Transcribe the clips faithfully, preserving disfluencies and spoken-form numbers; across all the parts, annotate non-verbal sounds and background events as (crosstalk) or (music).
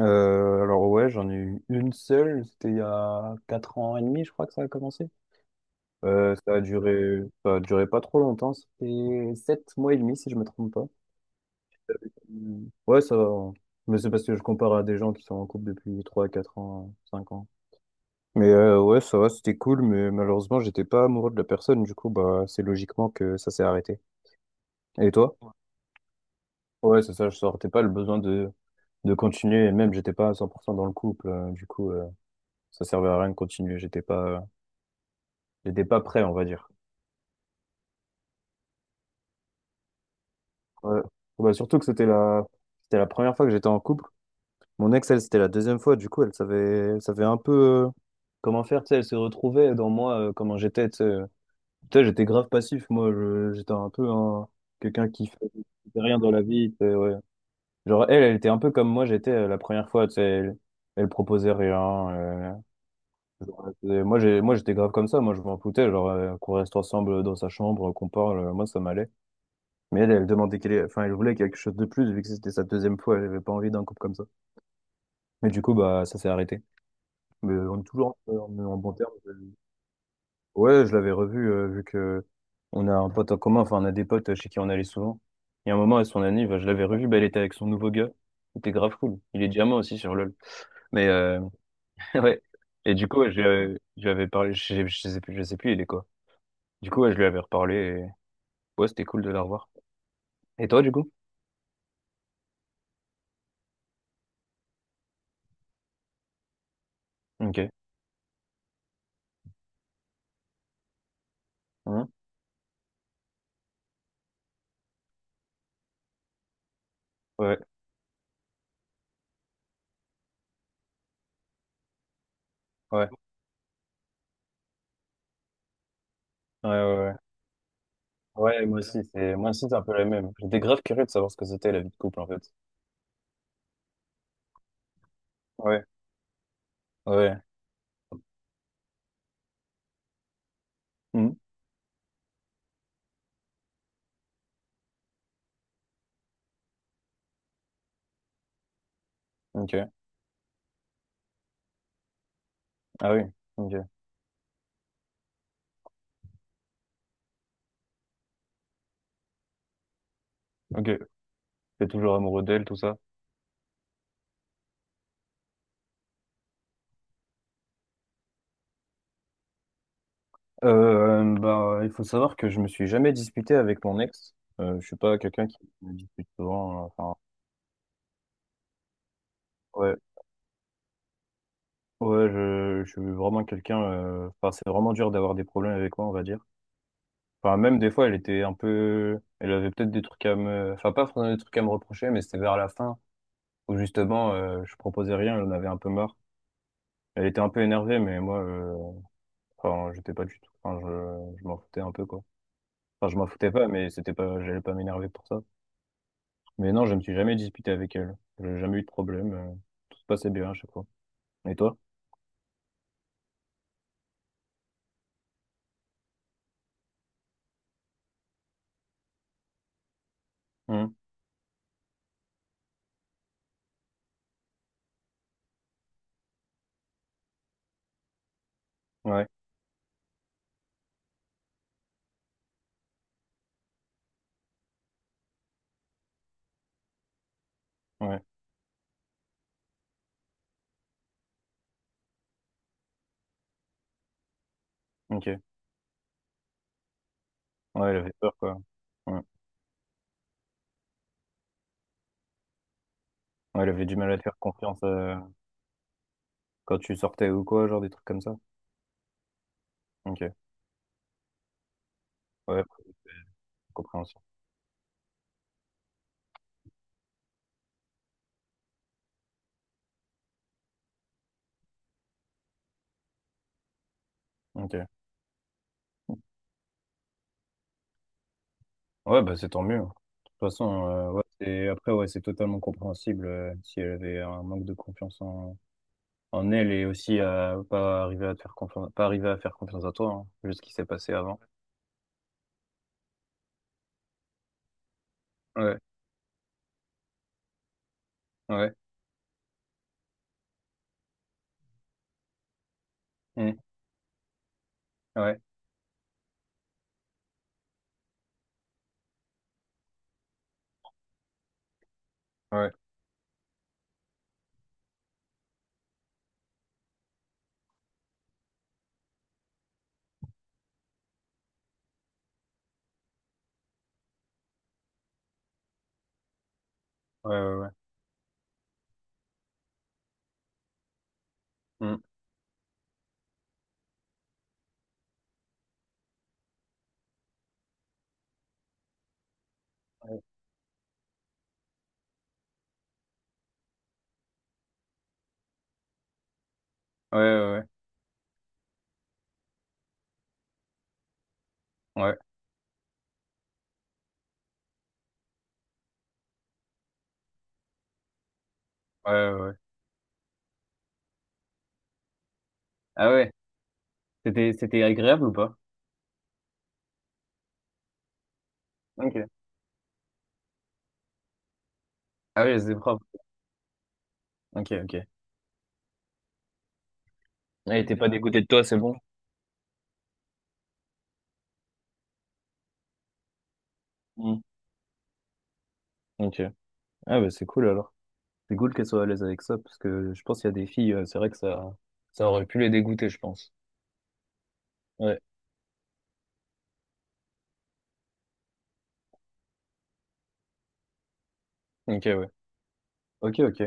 Euh, alors ouais, j'en ai eu une seule, c'était il y a quatre ans et demi, je crois que ça a commencé. Euh, ça a duré, ça a duré pas trop longtemps, c'était sept mois et demi si je me trompe pas. Euh, Ouais, ça va, hein. Mais c'est parce que je compare à des gens qui sont en couple depuis trois quatre ans, cinq ans. Mais euh, ouais, ça va, c'était cool, mais malheureusement, j'étais pas amoureux de la personne, du coup, bah, c'est logiquement que ça s'est arrêté. Et toi? Ouais, c'est ça, je sortais pas le besoin de, de continuer, et même j'étais pas à cent pour cent dans le couple, euh, du coup, euh, ça servait à rien de continuer, j'étais pas, euh, j'étais pas prêt, on va dire. Ouais. Bah, surtout que c'était la... c'était la première fois que j'étais en couple. Mon ex, elle, c'était la deuxième fois. Du coup, elle savait, elle savait un peu euh, comment faire. Tu sais, elle se retrouvait dans moi, euh, comment j'étais. Tu sais, euh, Tu sais, j'étais grave passif. Moi, Je- j'étais un peu un- quelqu'un qui faisait rien dans la vie, tu sais, ouais. Genre, elle, elle était un peu comme moi, j'étais euh, la première fois. Tu sais, elle... elle proposait rien. Euh, genre, elle faisait- Moi, j'ai... moi, j'étais grave comme ça. Moi, je m'en foutais. Genre, euh, qu'on reste ensemble dans sa chambre, qu'on parle. euh, Moi, ça m'allait. Mais elle, elle demandait qu'elle, enfin, elle voulait quelque chose de plus, vu que c'était sa deuxième fois, elle avait pas envie d'un couple comme ça. Mais du coup, bah, ça s'est arrêté. Mais on est toujours en, en- en bon terme. Ouais, je l'avais revue, euh, vu que on a un pote en commun, enfin, on a des potes chez qui on allait souvent. Il y a un moment, à son anniv, je l'avais revue, bah, elle était avec son nouveau gars. C'était grave cool. Il est diamant aussi sur LoL. Mais, euh, (laughs) ouais. Et du coup, ouais, je, lui avais je lui avais parlé, je, sais je sais plus, je sais plus, il est quoi. Du coup, ouais, je lui avais reparlé et, ouais, c'était cool de la revoir. Et toi, du coup? Ok. Hein. Ouais, ouais, ouais, ouais, ouais. Ouais, moi aussi, c'est moi aussi, c'est un peu la même. J'étais grave curieux de savoir ce que c'était la vie de couple en fait. Ouais, ouais. Mhm. Ok. Ah oui. Ok. Ok. T'es toujours amoureux d'elle, tout ça? Euh, bah, il faut savoir que je me suis jamais disputé avec mon ex. Euh, je suis pas quelqu'un qui me dispute souvent. euh, Enfin, ouais, ouais, je, je suis vraiment quelqu'un. euh, Enfin, c'est vraiment dur d'avoir des problèmes avec moi, on va dire. Enfin, même des fois, elle était un peu. Elle avait peut-être des trucs à me. Enfin, pas forcément des trucs à me reprocher, mais c'était vers la fin où justement, euh, je proposais rien, elle en avait un peu marre. Elle était un peu énervée, mais moi, euh, enfin, j'étais pas du tout. Enfin, je, je m'en foutais un peu, quoi. Enfin, je m'en foutais pas, mais c'était pas, j'allais pas m'énerver pour ça. Mais non, je me suis jamais disputé avec elle. J'ai jamais eu de problème. euh, Tout se passait bien à chaque fois. Et toi? Hum, Ouais, ouais, ok. Ouais, elle avait peur, quoi. Ouais. Ouais, elle avait du mal à te faire confiance, euh, quand tu sortais ou quoi, genre des trucs comme ça. Ok. Ouais, compréhension. Ok. Ouais, bah c'est tant mieux, hein. De toute façon, euh, ouais, c'est- après, ouais, c'est totalement compréhensible, euh, si elle avait un manque de confiance en En elle est aussi, euh, pas arrivé à te faire confiance, pas arrivé à faire confiance à toi, hein, vu ce qui s'est passé avant. Ouais, ouais, mm, ouais, ouais, ouais, ouais, ouais, mm, ouais, ouais, ouais, ouais, ouais, ouais, ouais. Ah ouais, c'était, c'était agréable ou pas? Ok. Ah oui, c'est propre. Ok, ok. Elle était pas dégoûtée de toi, c'est bon? Mm. Ok. Ah bah c'est cool alors. C'est cool qu'elle soit à l'aise avec ça, parce que je pense qu'il y a des filles, euh, c'est vrai que ça, ça aurait pu les dégoûter, je pense. Ouais. Ok, ouais. Ok, ok.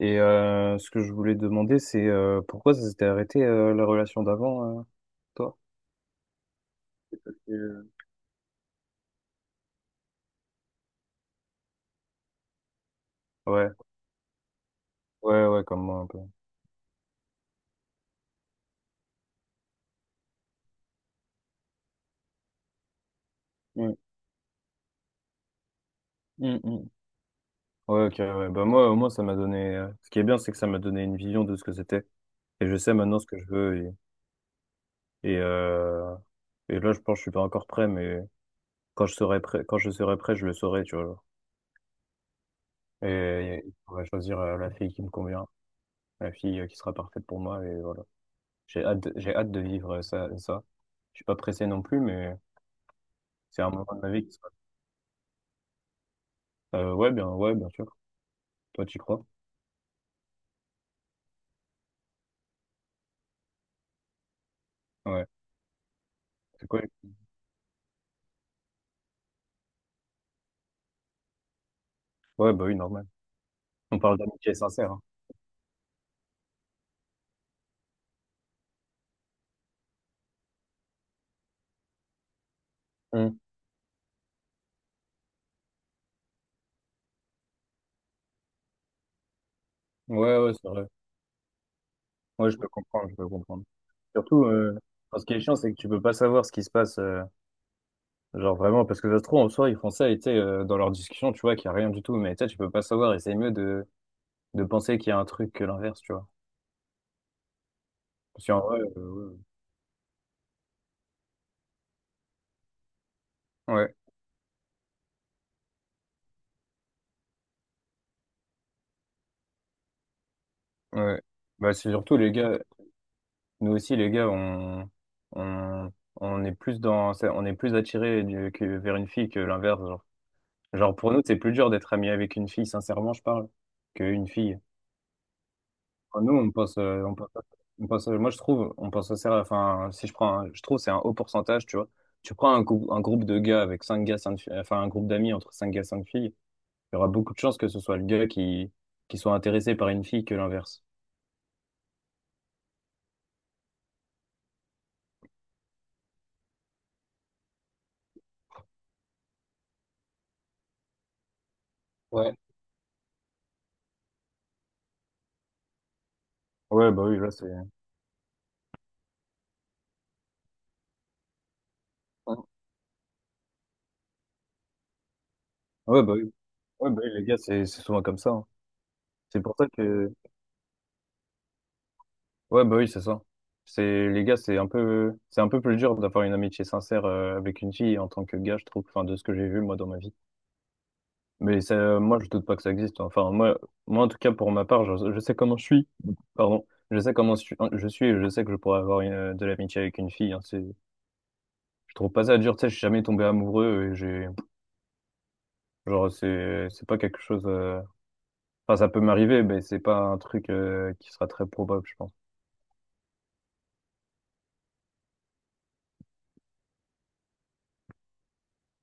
Et euh, ce que je voulais demander, c'est euh, pourquoi ça s'était arrêté, euh, la relation d'avant, euh, toi? Euh, Ouais, ouais, ouais, comme moi un peu, ouais. Mm, mm. Ouais, ok, ouais. Bah moi, au moins, ça m'a donné. euh, Ce qui est bien, c'est que ça m'a donné une vision de ce que c'était. Et je sais maintenant ce que je veux. Et, et, euh, et là, je pense que je suis pas encore prêt, mais quand je serai prêt, quand je serai prêt, je le saurai, tu vois, genre. Et, et je pourrai choisir euh, la fille qui me convient, la fille, euh, qui sera parfaite pour moi. Et voilà. J'ai hâte de, j'ai hâte de vivre ça, ça. Je suis pas pressé non plus, mais c'est un moment de ma vie qui se Euh, ouais, bien, ouais, bien sûr. Toi, tu crois? Ouais. C'est quoi? Ouais, bah oui, normal. On parle d'amitié sincère, hein. Hum. Ouais, ouais, c'est vrai. Ouais, je peux comprendre, je peux comprendre. Surtout, euh, ce qui est chiant, c'est que tu peux pas savoir ce qui se passe, euh, genre vraiment, parce que ça se trouve, en soi, ils font ça, et tu sais, euh, dans leur discussion, tu vois qu'il y a rien du tout, mais tu sais, tu peux pas savoir, et c'est mieux de, de penser qu'il y a un truc que l'inverse, tu vois. Parce qu'en vrai, euh, ouais, ouais, ouais. Bah, c'est surtout les gars. Nous aussi, les gars, on, on, on est plus dans, ça- on est plus attiré du- que vers une fille que l'inverse. Genre. Genre, pour nous, c'est plus dur d'être ami avec une fille, sincèrement, je parle, qu'une fille. Enfin, nous, on pense, euh, on pense, on pense- moi, je trouve, on pense sincère, enfin, si je prends, un- je trouve, c'est un haut pourcentage, tu vois. Tu prends un, groupe- un groupe de gars avec cinq gars, cinq filles, enfin, un groupe d'amis entre cinq gars, cinq filles, il y aura beaucoup de chances que ce soit le gars qui, qui soit intéressé par une fille que l'inverse. Ouais. Ouais, bah oui, là, c'est. Ouais, bah oui. Ouais, bah oui, les gars, c'est c'est souvent comme ça, hein. C'est pour ça que, ouais, bah oui, c'est ça. C'est les gars, c'est un peu c'est un peu plus dur d'avoir une amitié sincère, euh, avec une fille en tant que gars, je trouve, enfin de ce que j'ai vu moi dans ma vie. Mais ça, moi, je doute pas que ça existe, hein. Enfin, moi moi en tout cas, pour ma part, je, je sais comment je suis. Pardon. Je sais comment je suis, hein, je suis, et je sais que je pourrais avoir une, euh, de l'amitié avec une fille, hein. C'est, je trouve pas ça dur, tu sais, je suis jamais tombé amoureux, et j'ai genre, c'est c'est pas quelque chose, euh, enfin, ça peut m'arriver, mais c'est pas un truc, euh, qui sera très probable, je pense.